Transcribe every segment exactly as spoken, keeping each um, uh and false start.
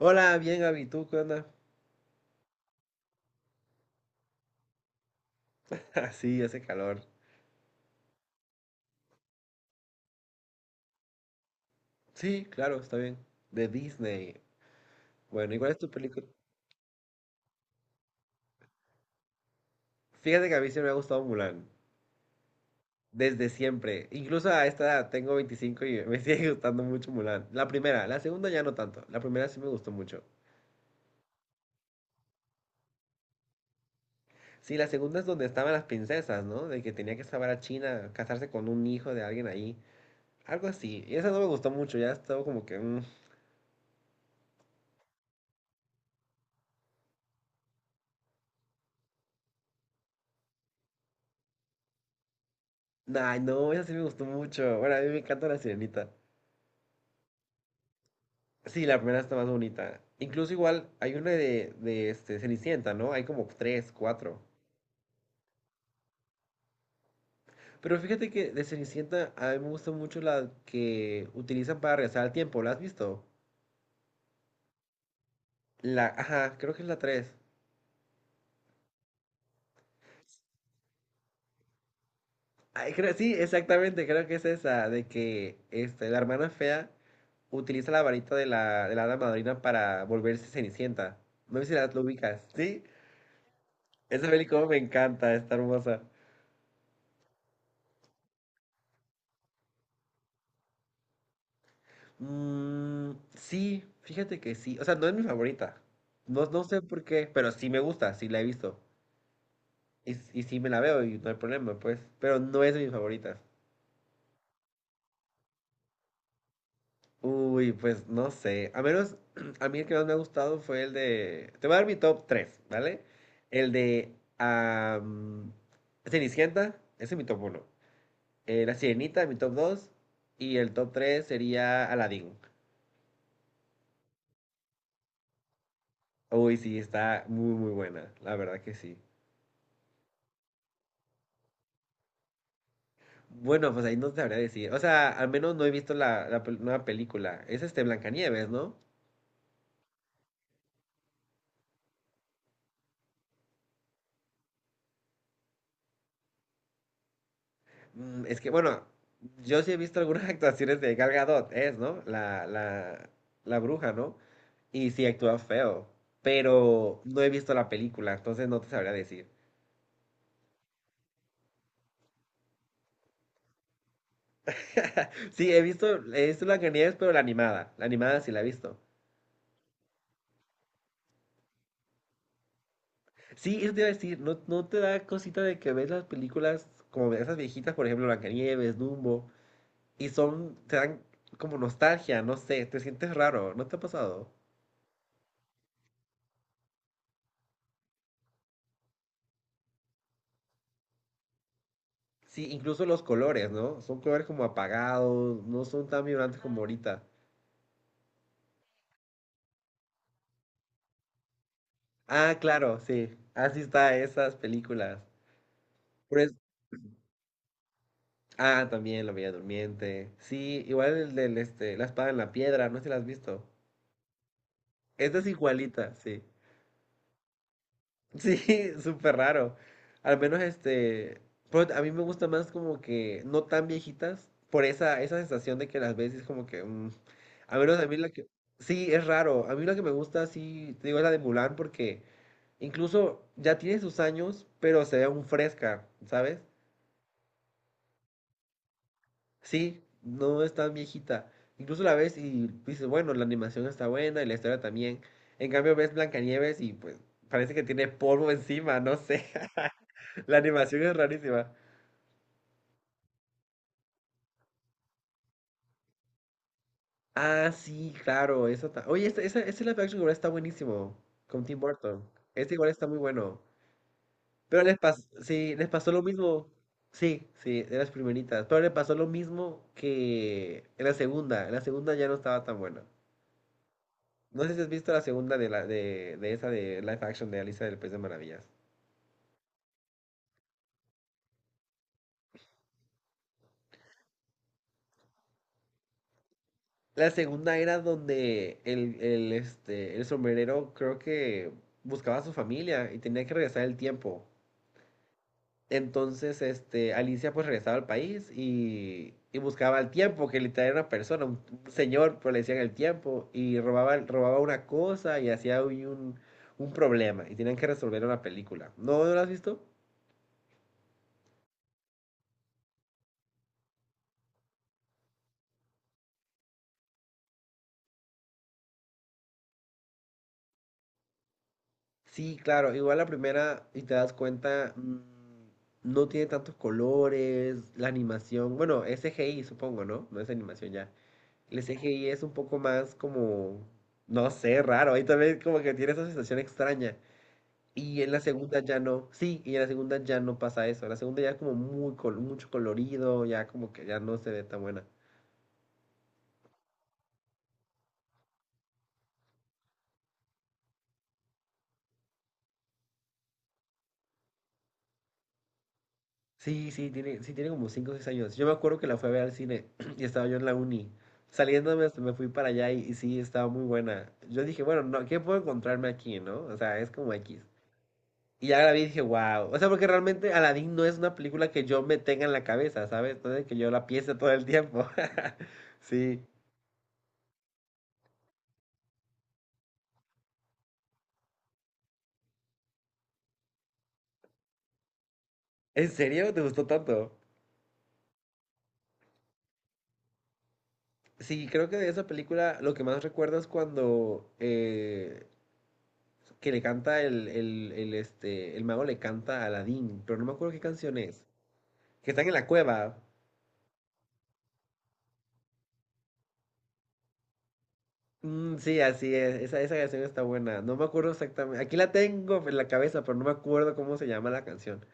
Hola, bien, Abby, ¿tú qué onda? Ah, sí, hace calor. Sí, claro, está bien. De Disney. Bueno, ¿y cuál es tu película? Fíjate que a mí siempre me ha gustado Mulan. Desde siempre. Incluso a esta edad, tengo veinticinco y me sigue gustando mucho Mulan. La primera, la segunda ya no tanto. La primera sí me gustó mucho. Sí, la segunda es donde estaban las princesas, ¿no? De que tenía que salvar a China, casarse con un hijo de alguien ahí. Algo así. Y esa no me gustó mucho, ya estaba como que... mm. Ay, no, esa sí me gustó mucho. Bueno, a mí me encanta la sirenita. Sí, la primera está más bonita. Incluso igual hay una de, de este, Cenicienta, ¿no? Hay como tres, cuatro. Pero fíjate que de Cenicienta a mí me gusta mucho la que utilizan para regresar al tiempo. ¿La has visto? La, ajá, creo que es la tres. Ay, creo- sí, exactamente, creo que es esa, de que este, la hermana fea utiliza la varita de la, de la hada madrina para volverse Cenicienta. No sé si la, lo ubicas, ¿sí? Esa película me encanta, está hermosa. Mm, sí, fíjate que sí. O sea, no es mi favorita. No, no sé por qué, pero sí me gusta, sí la he visto. Y, y sí me la veo y no hay problema, pues. Pero no es de mis favoritas. Uy, pues no sé. A menos, a mí el que más me ha gustado fue el de... Te voy a dar mi top tres, ¿vale? El de... am, Cenicienta, ese es mi top uno. Eh, La Sirenita, mi top dos. Y el top tres sería Aladdin. Uy, sí, está muy, muy buena. La verdad que sí. Bueno, pues ahí no te sabría decir. O sea, al menos no he visto la, la pel- nueva película. Es este Blancanieves, ¿no? Mm, es que, bueno, yo sí he visto algunas actuaciones de Gal Gadot, es, ¿no? La, la, la bruja, ¿no? Y sí actúa feo. Pero no he visto la película, entonces no te sabría decir. Sí, he visto, he visto Blancanieves, pero la animada. La animada sí la he visto. Sí, eso te iba a decir, ¿no, no te da cosita de que ves las películas como esas viejitas, por ejemplo, Blancanieves, Dumbo? Y son, te dan como nostalgia, no sé, te sientes raro, ¿no te ha pasado? Sí, incluso los colores, ¿no? Son colores como apagados, no son tan vibrantes como ahorita. Ah, claro, sí, así está esas películas. Por es- ah, también La Bella Durmiente. Sí, igual el del, este, La Espada en la Piedra, no sé si la has visto. Esta es igualita, sí. Sí, súper raro. Al menos este, pero a mí me gusta más como que no tan viejitas, por esa, esa sensación de que las ves y es como que, mm, a menos a mí la que, sí, es raro. A mí la que me gusta, sí, te digo, es la de Mulan porque incluso ya tiene sus años, pero se ve aún fresca, ¿sabes? Sí, no es tan viejita. Incluso la ves y dices, bueno, la animación está buena y la historia también. En cambio ves Blancanieves y pues parece que tiene polvo encima, no sé. La animación es rarísima. Ah, sí, claro, esa ta- oye, ese, ese, ese live action igual está buenísimo, con Tim Burton. Este igual está muy bueno. Pero les pasó, sí, les pasó lo mismo. Sí, sí, de las primeritas. Pero le pasó lo mismo que en la segunda. En la segunda ya no estaba tan buena. No sé si has visto la segunda de la, de, de esa de live action de Alicia del País de Maravillas. La segunda era donde el, el, este, el sombrerero, creo que buscaba a su familia y tenía que regresar el tiempo. Entonces, este, Alicia pues regresaba al país y, y buscaba el tiempo, que literal era una persona, un un señor, pero le decían el tiempo, y robaba, robaba una cosa y hacía un, un- un problema, y tenían que resolverlo en la película. ¿No, no la has visto? Sí, claro, igual la primera, y te das cuenta, mm, no tiene tantos colores, la animación, bueno, es C G I, supongo, ¿no? No es animación ya. El C G I es un poco más como, no sé, raro, ahí también como que tiene esa sensación extraña. Y en la segunda ya no, sí, y en la segunda ya no pasa eso. La segunda ya es como muy col- mucho colorido, ya como que ya no se ve tan buena. Sí, sí, tiene, sí, tiene como cinco o seis años. Yo me acuerdo que la fui a ver al cine y estaba yo en la uni. Saliéndome hasta me fui para allá y, y sí, estaba muy buena. Yo dije, bueno, no, ¿qué puedo encontrarme aquí, no? O sea, es como X. Y ya la vi y dije, wow. O sea, porque realmente Aladdin no es una película que yo me tenga en la cabeza, ¿sabes? No es de que yo la piense todo el tiempo. Sí. ¿En serio? ¿Te gustó tanto? Sí, creo que de esa película lo que más recuerdo es cuando eh, que le canta el, el, el, este, el mago le canta a Aladdin, pero no me acuerdo qué canción es. Que están en la cueva. Mm, sí, así es. Esa, esa canción está buena. No me acuerdo exactamente. Aquí la tengo en la cabeza, pero no me acuerdo cómo se llama la canción.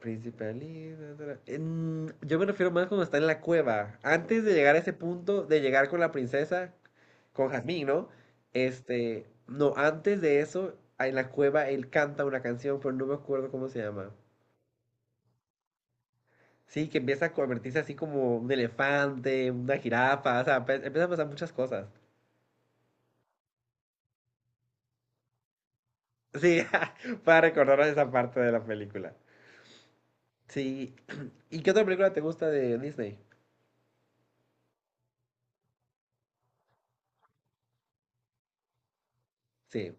Príncipe da, da, da. Mm, yo me refiero más cuando está en la cueva. Antes de llegar a ese punto, de llegar con la princesa, con Jazmín, ¿no? Este, no, antes de eso, en la cueva él canta una canción, pero no me acuerdo cómo se llama. Sí, que empieza a convertirse así como un elefante, una jirafa, o sea, pe- empiezan a pasar muchas cosas. Sí, para recordarnos esa parte de la película. Sí. ¿Y qué otra película te gusta de Disney? Sí.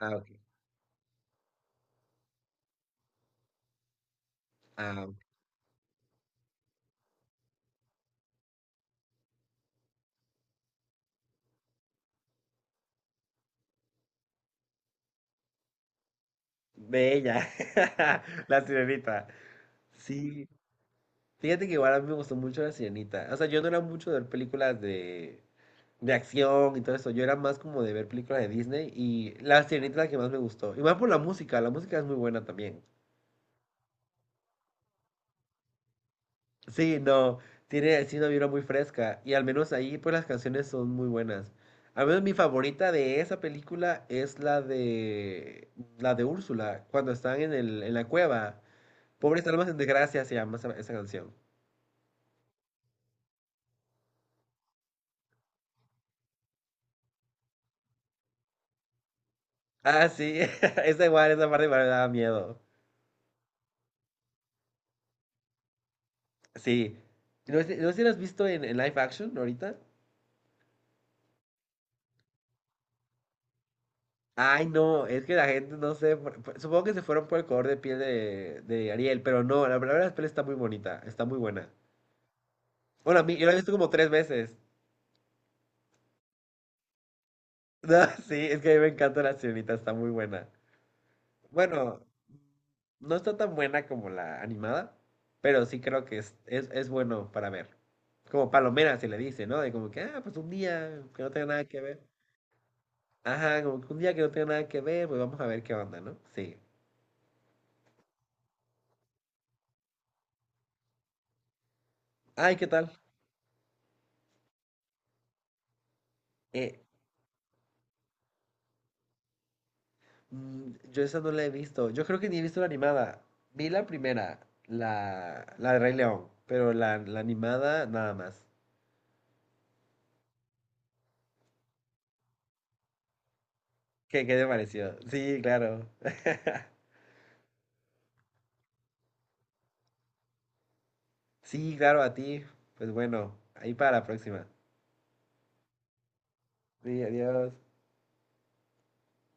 Ah, ok. Ah, Bella, la sirenita. Sí, fíjate que igual a mí me gustó mucho la sirenita. O sea, yo no era mucho de ver películas de, de acción y todo eso. Yo era más como de ver películas de Disney y la sirenita es la que más me gustó. Y más por la música, la música es muy buena también. Sí, no, tiene sí una vibra muy fresca y al menos ahí pues las canciones son muy buenas. Al menos mi favorita de esa película es la de la de Úrsula, cuando están en el, en la cueva. Pobres almas en desgracia se llama esa esa canción. Ah, sí, esa igual, esa parte igual me daba miedo. Sí. No sé, no sé si lo has visto en, en live action ahorita. Ay, no, es que la gente no sé. por- por- Supongo que se fueron por el color de piel de, de Ariel, pero no, la verdad la piel está muy bonita, está muy buena. Bueno, a mí, yo la he visto como tres veces. No, sí, es que a mí me encanta la sirenita, está muy buena. Bueno, no está tan buena como la animada, pero sí creo que es, es, es bueno para ver. Como palomera se le dice, ¿no? De como que, ah, pues un día que no tenga nada que ver. Ajá, como que un día que no tenga nada que ver, pues vamos a ver qué onda, ¿no? Sí. Ay, ¿qué tal? Eh, mm, yo esa no la he visto. Yo creo que ni he visto la animada. Vi la primera, la, la de Rey León, pero la, la animada nada más. ¿Qué, qué te pareció? Sí, claro. Sí, claro, a ti. Pues bueno, ahí para la próxima. Sí, adiós.